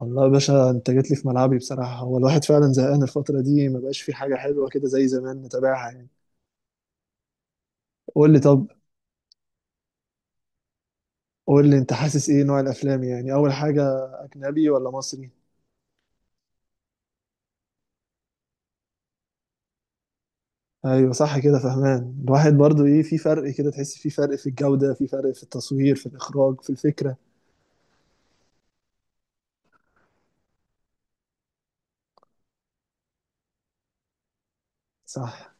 والله يا باشا، انت جيت لي في ملعبي. بصراحة هو الواحد فعلا زهقان الفترة دي، ما بقاش في حاجة حلوة كده زي زمان نتابعها يعني. قول لي طب. قول لي انت حاسس ايه نوع الافلام؟ يعني اول حاجة، اجنبي ولا مصري؟ ايوه صح كده، فهمان. الواحد برضو ايه، في فرق كده، تحس في فرق في الجودة، في فرق في التصوير، في الاخراج، في الفكرة. صح.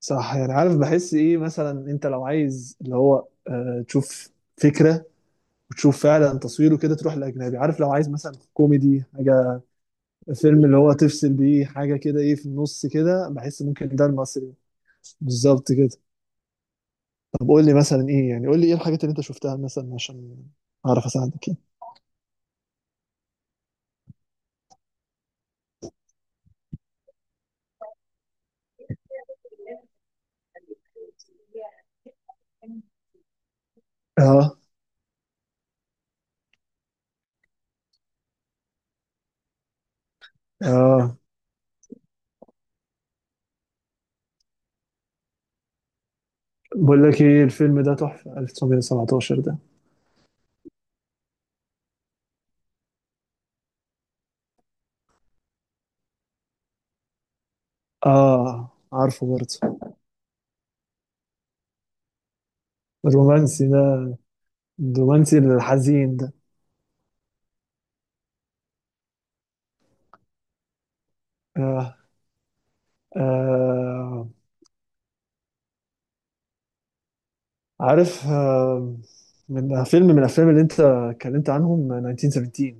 صح، يعني عارف بحس ايه مثلا. انت لو عايز اللي هو تشوف فكرة وتشوف فعلا تصويره كده، تروح للاجنبي. عارف لو عايز مثلا كوميدي حاجة، فيلم اللي هو تفصل بيه حاجة كده، ايه في النص كده، بحس ممكن ده المصري. بالظبط كده. طب قول لي مثلا ايه؟ يعني قول لي ايه الحاجات اللي انت شفتها مثلا عشان اعرف اساعدك يعني. اه اه، بقول لك ايه؟ الفيلم ده تحفة، 1917 ده. اه عارفه برضه. الرومانسي ده. الرومانسي الحزين ده. آه. آه، عارف آه. من فيلم، من الافلام اللي انت اتكلمت عنهم، 1917.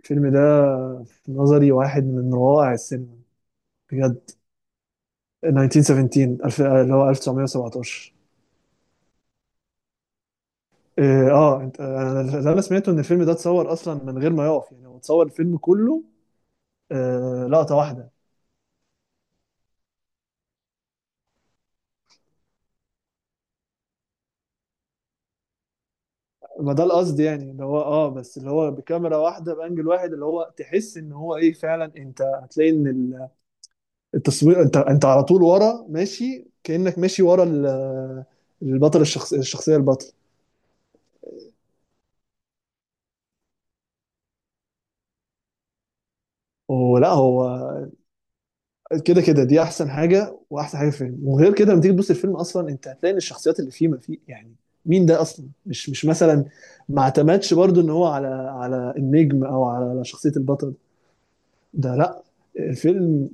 الفيلم ده في نظري واحد من روائع السينما، بجد. 1917، اللي هو 1917. إيه، انا اللي انا سمعته ان الفيلم ده اتصور اصلا من غير ما يقف، يعني هو اتصور الفيلم كله لقطة واحدة. ما ده القصد، يعني اللي هو بس اللي هو بكاميرا واحدة بانجل واحد، اللي هو تحس ان هو ايه فعلا. انت هتلاقي ان التصوير، انت على طول ورا ماشي، كأنك ماشي ورا البطل، الشخص، الشخصية البطل. ولا هو كده. كده دي احسن حاجه، واحسن حاجه في الفيلم. وغير كده لما تيجي تبص الفيلم اصلا، انت هتلاقي ان الشخصيات اللي فيه، ما فيه يعني مين ده اصلا. مش مثلا، ما اعتمدش برضو ان هو على النجم او على شخصيه البطل. ده لا، الفيلم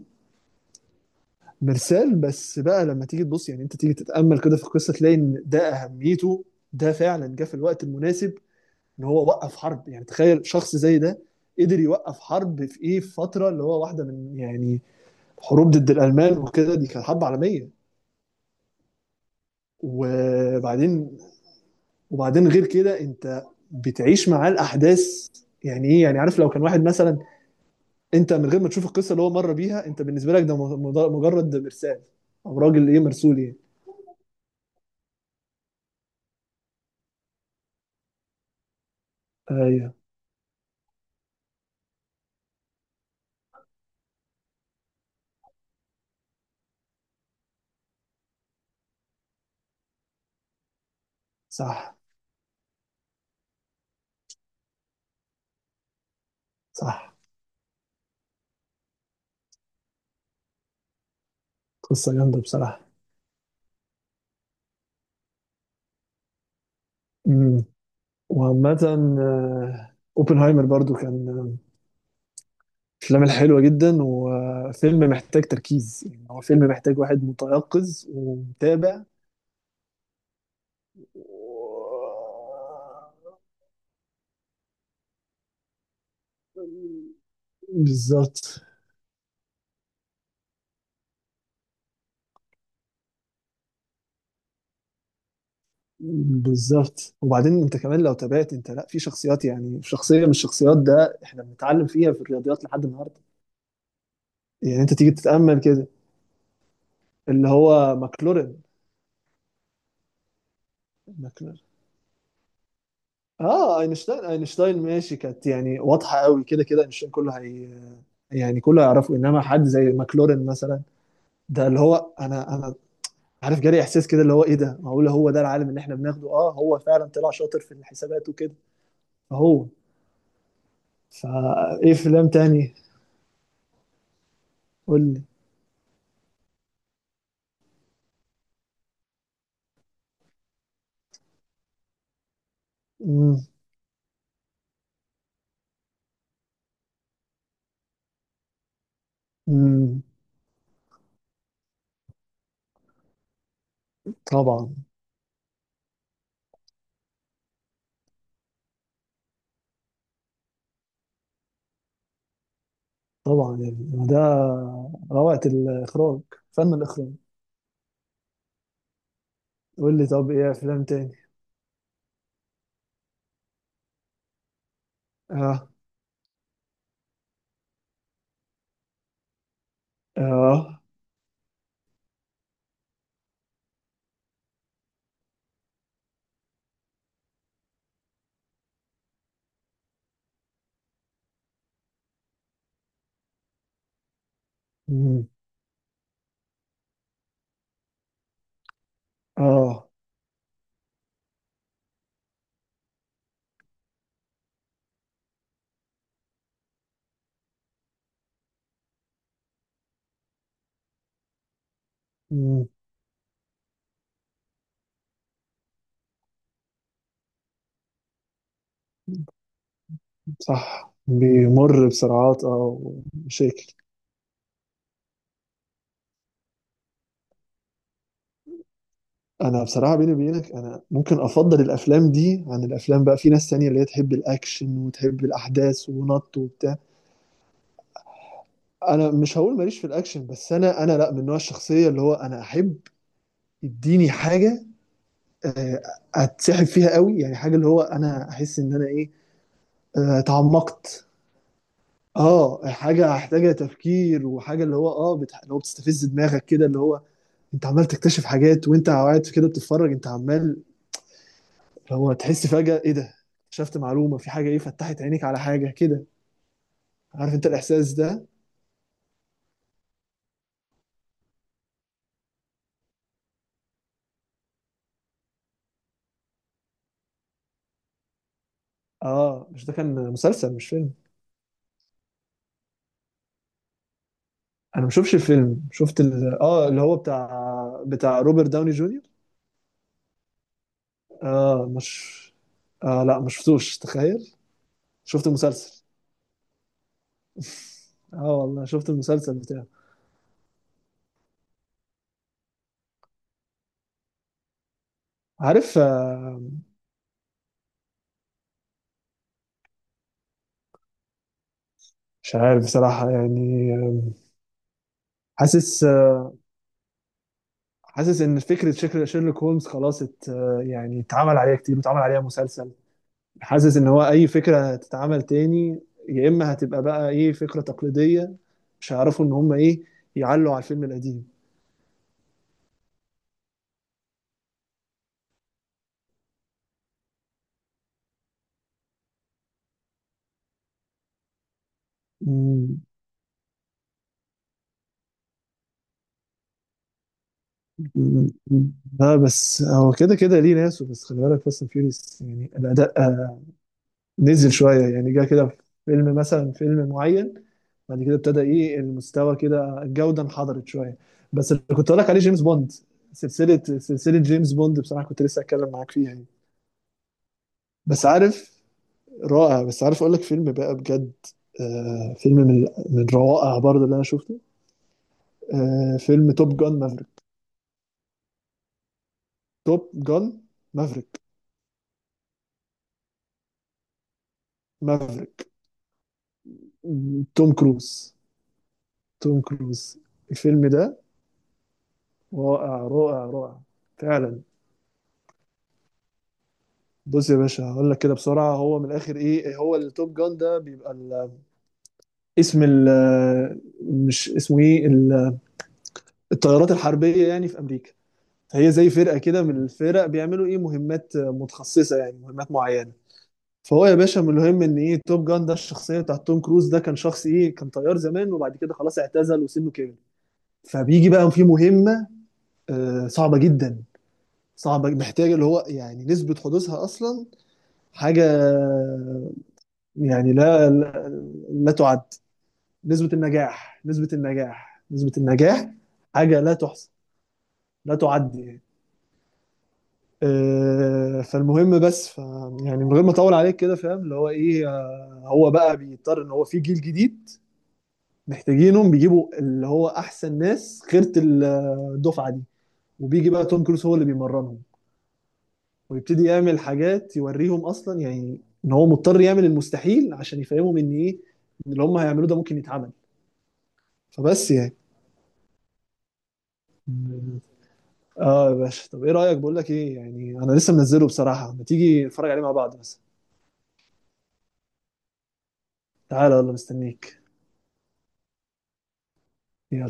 مرسال بس بقى. لما تيجي تبص، يعني انت تيجي تتامل كده في القصه، تلاقي ان ده اهميته، ده فعلا جه في الوقت المناسب. ان هو وقف حرب، يعني تخيل شخص زي ده قدر يوقف حرب. في ايه، في فتره اللي هو واحده من يعني حروب ضد الالمان وكده، دي كانت حرب عالميه. وبعدين. وبعدين غير كده، انت بتعيش معاه الاحداث. يعني ايه يعني؟ عارف لو كان واحد مثلا، انت من غير ما تشوف القصه اللي هو مر بيها، انت بالنسبه لك ده مجرد مرسال، او راجل ايه، مرسول يعني. ايوه. صح. صح. قصه جامده بصراحه. امم وعامه، اوبنهايمر برضو كان من الافلام الحلوه جدا. وفيلم محتاج تركيز، يعني هو فيلم محتاج واحد متيقظ ومتابع. و- بالظبط. بالظبط، وبعدين انت كمان لو تابعت، انت لا، في شخصيات. يعني شخصيه من الشخصيات، ده احنا بنتعلم فيها في الرياضيات لحد النهارده. يعني انت تيجي تتامل كده. اللي هو ماكلورين. ماكلورين. اه، اينشتاين. اينشتاين ماشي، كانت يعني واضحه قوي كده. كده اينشتاين كله هي، يعني كله هيعرفه. انما حد زي ماكلورين مثلا، ده اللي هو انا عارف، جالي احساس كده اللي هو ايه ده، معقول هو ده العالم اللي احنا بناخده؟ اه، هو فعلا طلع شاطر في الحسابات وكده. هو، فايه فيلم تاني؟ قول لي. مم. مم. طبعا. طبعا، يعني ده روعة الإخراج، فن الإخراج. قول لي طب، إيه أفلام تاني؟ آه. آه. مم. آه. مم. صح، بيمر بسرعات، اه، ومشاكل. انا بصراحه بيني وبينك، انا ممكن افضل الافلام دي عن الافلام. بقى في ناس تانية اللي هي تحب الاكشن وتحب الاحداث ونط وبتاع. انا مش هقول ماليش في الاكشن، بس انا لا، من نوع الشخصيه اللي هو انا احب. اديني حاجه آه، اتسحب فيها قوي، يعني حاجه اللي هو انا احس ان انا ايه، اتعمقت. اه، حاجه محتاجه تفكير، وحاجه اللي هو اللي هو بتستفز دماغك كده. اللي هو انت عمال تكتشف حاجات وانت قاعد كده بتتفرج. انت عمال اللي هو تحس فجاه، ايه ده، اكتشفت معلومه في حاجه، ايه فتحت عينيك على حاجه كده. عارف انت الاحساس ده. اه، مش ده كان مسلسل مش فيلم. انا ما شفتش الفيلم، شفت ال... اه اللي هو بتاع روبرت داوني جونيور. اه، مش آه لا، ما شفتوش، تخيل. شفت المسلسل. اه والله، شفت المسلسل بتاعه. عارف. مش عارف بصراحة يعني. حاسس، حاسس ان فكرة شيرلوك هولمز خلاص ات آه، يعني اتعمل عليها كتير، واتعمل عليها مسلسل. حاسس ان هو اي فكرة هتتعمل تاني، يا اما هتبقى بقى ايه، فكرة تقليدية. مش هيعرفوا ان هم ايه، يعلوا على الفيلم القديم. مم. مم. لا بس هو كده كده ليه ناسه. بس خلي بالك فاست اند فيوريوس، يعني الاداء نزل شوية يعني، جه كده في فيلم، مثلا فيلم معين، بعد كده ابتدى ايه المستوى كده، الجودة انحدرت شوية. بس اللي كنت اقول لك عليه جيمس بوند. سلسلة جيمس بوند بصراحة كنت لسه هتكلم معاك فيها يعني. بس عارف. رائع، بس عارف اقول لك فيلم بقى بجد. آه، فيلم من روائع برضه اللي انا شفته. آه، فيلم توب جان مافريك. توب جان مافريك. مافريك. توم كروز. توم كروز. الفيلم ده رائع رائع رائع. فعلا. بص يا باشا، هقول لك كده بسرعه. هو من الاخر ايه، هو التوب جان ده بيبقى اسم مش اسمه ايه، الطيارات الحربيه يعني في امريكا. فهي زي فرقه كده من الفرق، بيعملوا ايه مهمات متخصصه، يعني مهمات معينه. فهو يا باشا، من المهم ان ايه، توب جان ده الشخصيه بتاعت توم كروز، ده كان شخص ايه، كان طيار زمان وبعد كده خلاص اعتزل وسنه كبر. فبيجي بقى في مهمه صعبه جدا، صعبه محتاجه اللي هو يعني نسبه حدوثها اصلا حاجه، يعني لا لا، لا تعد. نسبة النجاح، نسبة النجاح، نسبة النجاح حاجة لا تحصى، لا تعد يعني. فالمهم بس يعني من غير ما اطول عليك كده، فاهم اللي هو ايه. هو بقى بيضطر ان هو في جيل جديد محتاجينهم، بيجيبوا اللي هو احسن ناس، خيرة الدفعة دي. وبيجي بقى توم كروز هو اللي بيمرنهم، ويبتدي يعمل حاجات يوريهم اصلا، يعني ان هو مضطر يعمل المستحيل عشان يفهمهم ان ايه، إن اللي هم هيعملوه ده ممكن يتعمل. فبس. يعني اه يا باشا، طب ايه رأيك، بقول لك ايه يعني، انا لسه منزله بصراحة، ما تيجي نتفرج عليه مع بعض مثلا. تعالى يلا مستنيك. يلا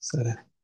سلام.